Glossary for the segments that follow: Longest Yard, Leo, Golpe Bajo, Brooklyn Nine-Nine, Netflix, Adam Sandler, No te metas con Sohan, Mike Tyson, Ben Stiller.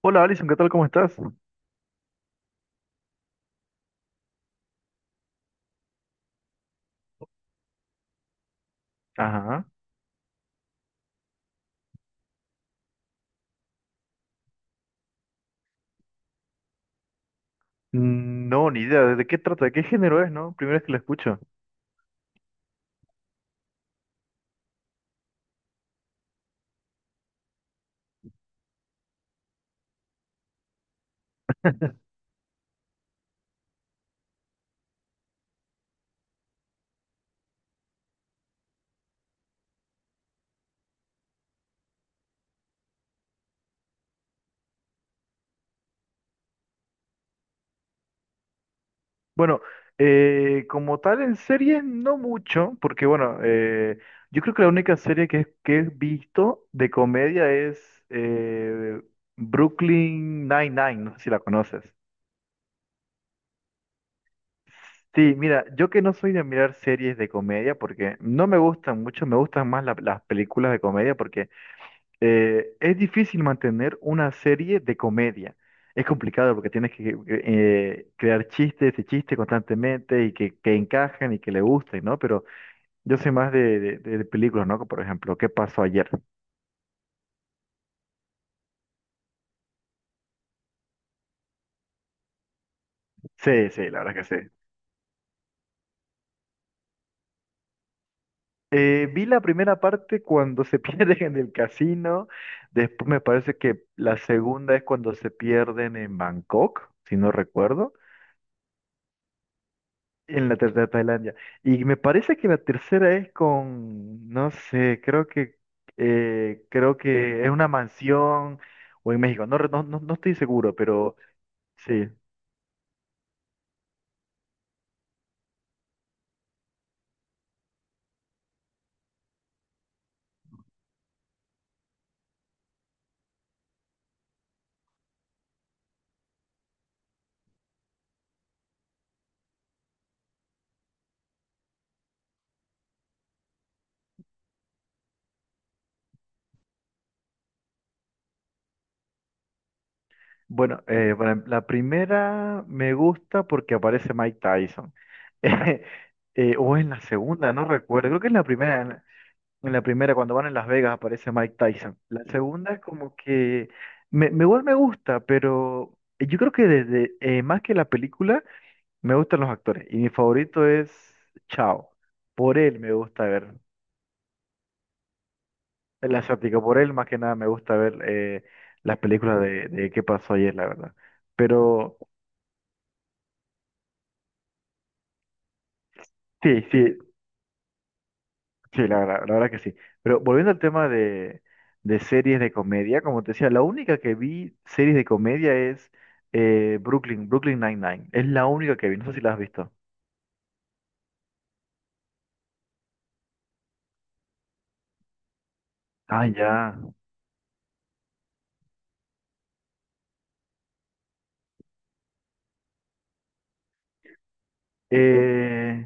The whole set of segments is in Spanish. Hola Alison, ¿qué tal? ¿Cómo estás? Ajá. No, ni idea. ¿De qué trata? ¿De qué género es, no? Primera vez que la escucho. Bueno, como tal en series no mucho, porque yo creo que la única serie que he visto de comedia es eh, Brooklyn Nine-Nine, no sé si la conoces. Sí, mira, yo que no soy de mirar series de comedia porque no me gustan mucho, me gustan más las películas de comedia porque es difícil mantener una serie de comedia. Es complicado porque tienes que crear chistes y chistes constantemente y que encajen y que le gusten, ¿no? Pero yo soy más de películas, ¿no? Por ejemplo, ¿Qué pasó ayer? Sí, sí, la verdad que sí. Vi la primera parte cuando se pierden en el casino. Después me parece que la segunda es cuando se pierden en Bangkok, si no recuerdo. En la tercera Tailandia. Y me parece que la tercera es con, no sé, creo que es una mansión o en México. No, no, no estoy seguro, pero sí. Bueno, la primera me gusta porque aparece Mike Tyson. O en la segunda, no recuerdo. Creo que es la primera. En la primera, cuando van en Las Vegas, aparece Mike Tyson. La segunda es como que me igual me gusta, pero yo creo que desde más que la película. Me gustan los actores y mi favorito es Chao. Por él me gusta ver el asiático, por él más que nada me gusta ver las películas de qué pasó ayer, la verdad. Pero sí, sí, sí, la verdad que sí. Pero volviendo al tema de series de comedia, como te decía, la única que vi series de comedia es Brooklyn Nine-Nine. Es la única que vi, no sé si la has visto. Ah, ya. Eh,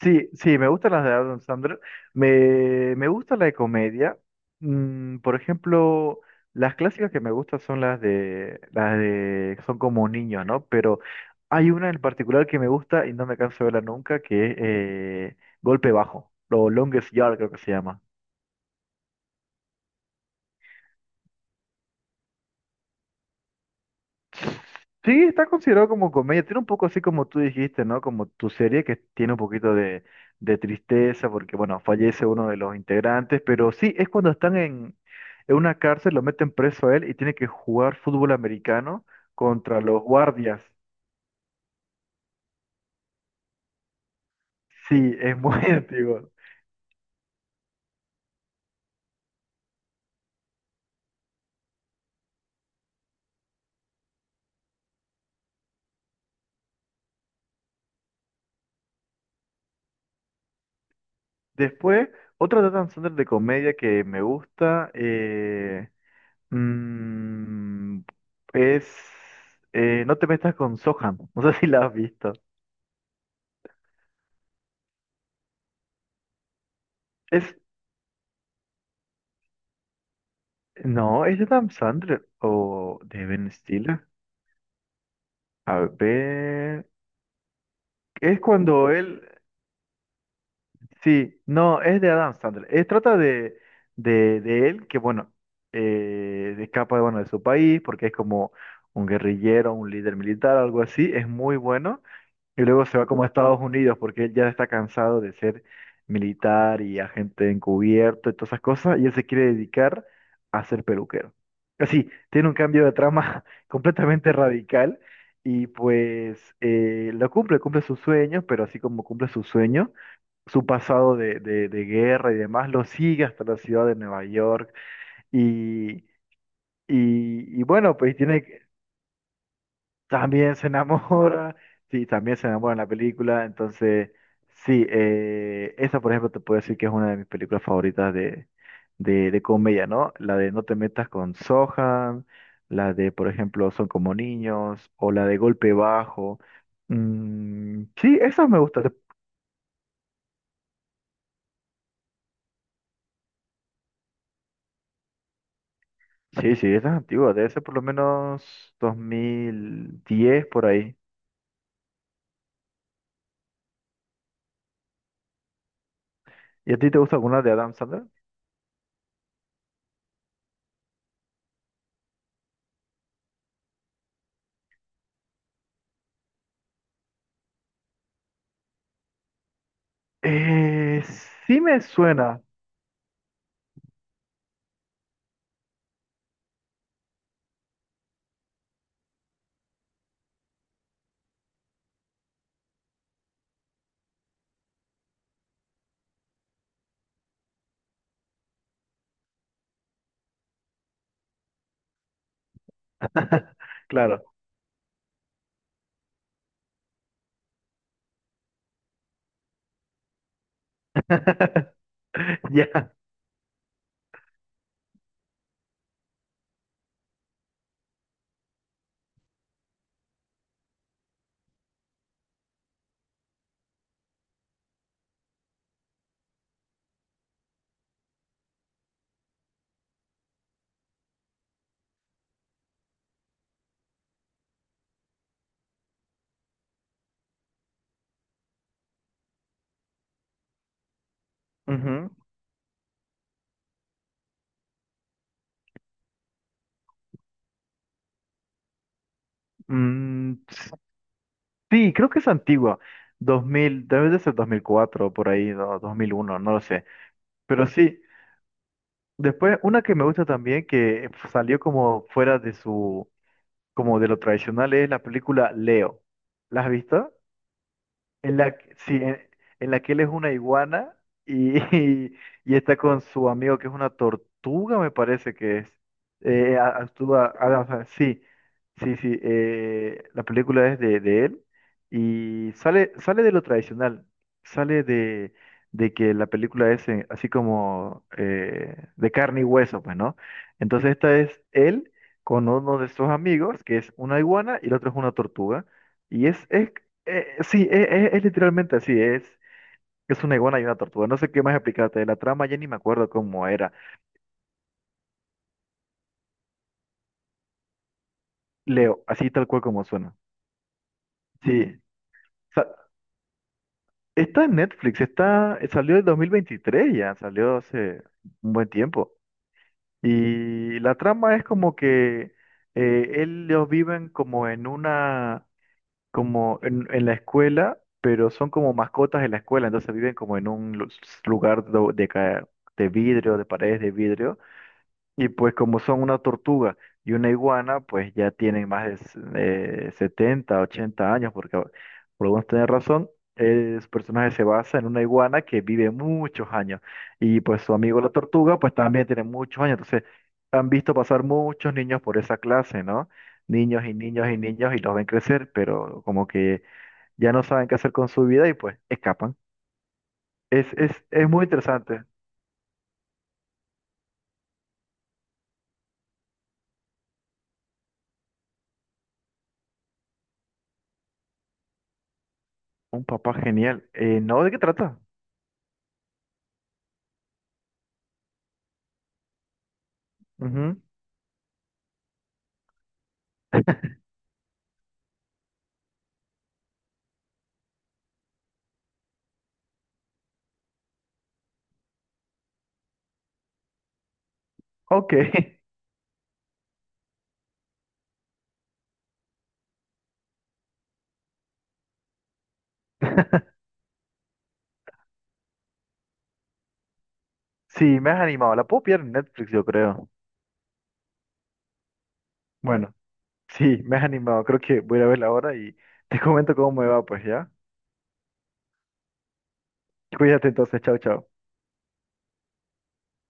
sí, sí, me gustan las de Adam Sandler. Me gusta la de comedia. Mm, por ejemplo, las clásicas que me gustan son las de son como niños, ¿no? Pero hay una en particular que me gusta y no me canso de verla nunca, que es Golpe Bajo, o Longest Yard creo que se llama. Sí, está considerado como comedia. Tiene un poco así como tú dijiste, ¿no? Como tu serie que tiene un poquito de tristeza porque, bueno, fallece uno de los integrantes, pero sí, es cuando están en una cárcel, lo meten preso a él y tiene que jugar fútbol americano contra los guardias. Sí, es muy antiguo. Después, otra de Adam Sandler de comedia que me gusta mm, es No te metas con Sohan. No sé si la has visto. Es no, es de Adam Sandler o de Ben Stiller. A ver. Es cuando él. Sí, no, es de Adam Sandler. Es trata de, de él que, bueno, escapa bueno, de su país porque es como un guerrillero, un líder militar, algo así. Es muy bueno. Y luego se va como a Estados Unidos porque él ya está cansado de ser militar y agente encubierto y todas esas cosas, y él se quiere dedicar a ser peluquero. Así, tiene un cambio de trama completamente radical y pues lo cumple, cumple sus sueños, pero así como cumple sus sueños, su pasado de guerra y demás lo sigue hasta la ciudad de Nueva York y, y bueno, pues tiene... También se enamora, sí, también se enamora en la película, entonces, sí, esa por ejemplo te puedo decir que es una de mis películas favoritas de, de comedia, ¿no? La de No te metas con Sohan, la de, por ejemplo, Son como niños, o la de Golpe Bajo. Mm, sí, esas me gustan. Sí, sí, esa es antigua, debe ser por lo menos 2010 por ahí. ¿Y a ti te gusta alguna de Adam Sandler? Eh, sí me suena, claro. Ya. Ujú. Mm, sí, creo que es antigua. Dos mil, debe de ser 2004, por ahí, no, 2001, no lo sé. Pero sí, después una que me gusta también, que salió como fuera de su, como de lo tradicional, es la película Leo. ¿La has visto? Sí, en la que él es una iguana y, y, está con su amigo que es una tortuga, me parece que es. Actúa, ah, o sea, sí, sí, sí. Eh, la película es de él y sale, sale de lo tradicional, sale de que la película es así como de carne y hueso, pues, ¿no? Entonces esta es él con uno de sus amigos, que es una iguana y el otro es una tortuga. Y es, es es literalmente así, es una iguana y una tortuga. No sé qué más explicarte de la trama, ya ni me acuerdo cómo era. Leo, así tal cual como suena. Sí, sa- está en Netflix, está, salió en 2023 ya, salió hace un buen tiempo. Y la trama es como que ellos viven como en una, como en la escuela, pero son como mascotas en la escuela, entonces viven como en un lugar de vidrio, de paredes de vidrio. Y pues como son una tortuga y una iguana, pues ya tienen más de 70, 80 años, porque por algunos tener razón, su personaje se basa en una iguana que vive muchos años. Y pues su amigo la tortuga, pues también tiene muchos años. Entonces, han visto pasar muchos niños por esa clase, ¿no? Niños y niños y niños y los ven crecer, pero como que ya no saben qué hacer con su vida y pues escapan. Es muy interesante. Un papá genial. ¿No? ¿De qué trata? Ujú. Ok. Sí, me has animado. La puedo pillar en Netflix, yo creo. Bueno, sí, me has animado. Creo que voy a ir a verla ahora y te comento cómo me va, pues, ¿ya? Cuídate entonces, chao, chao.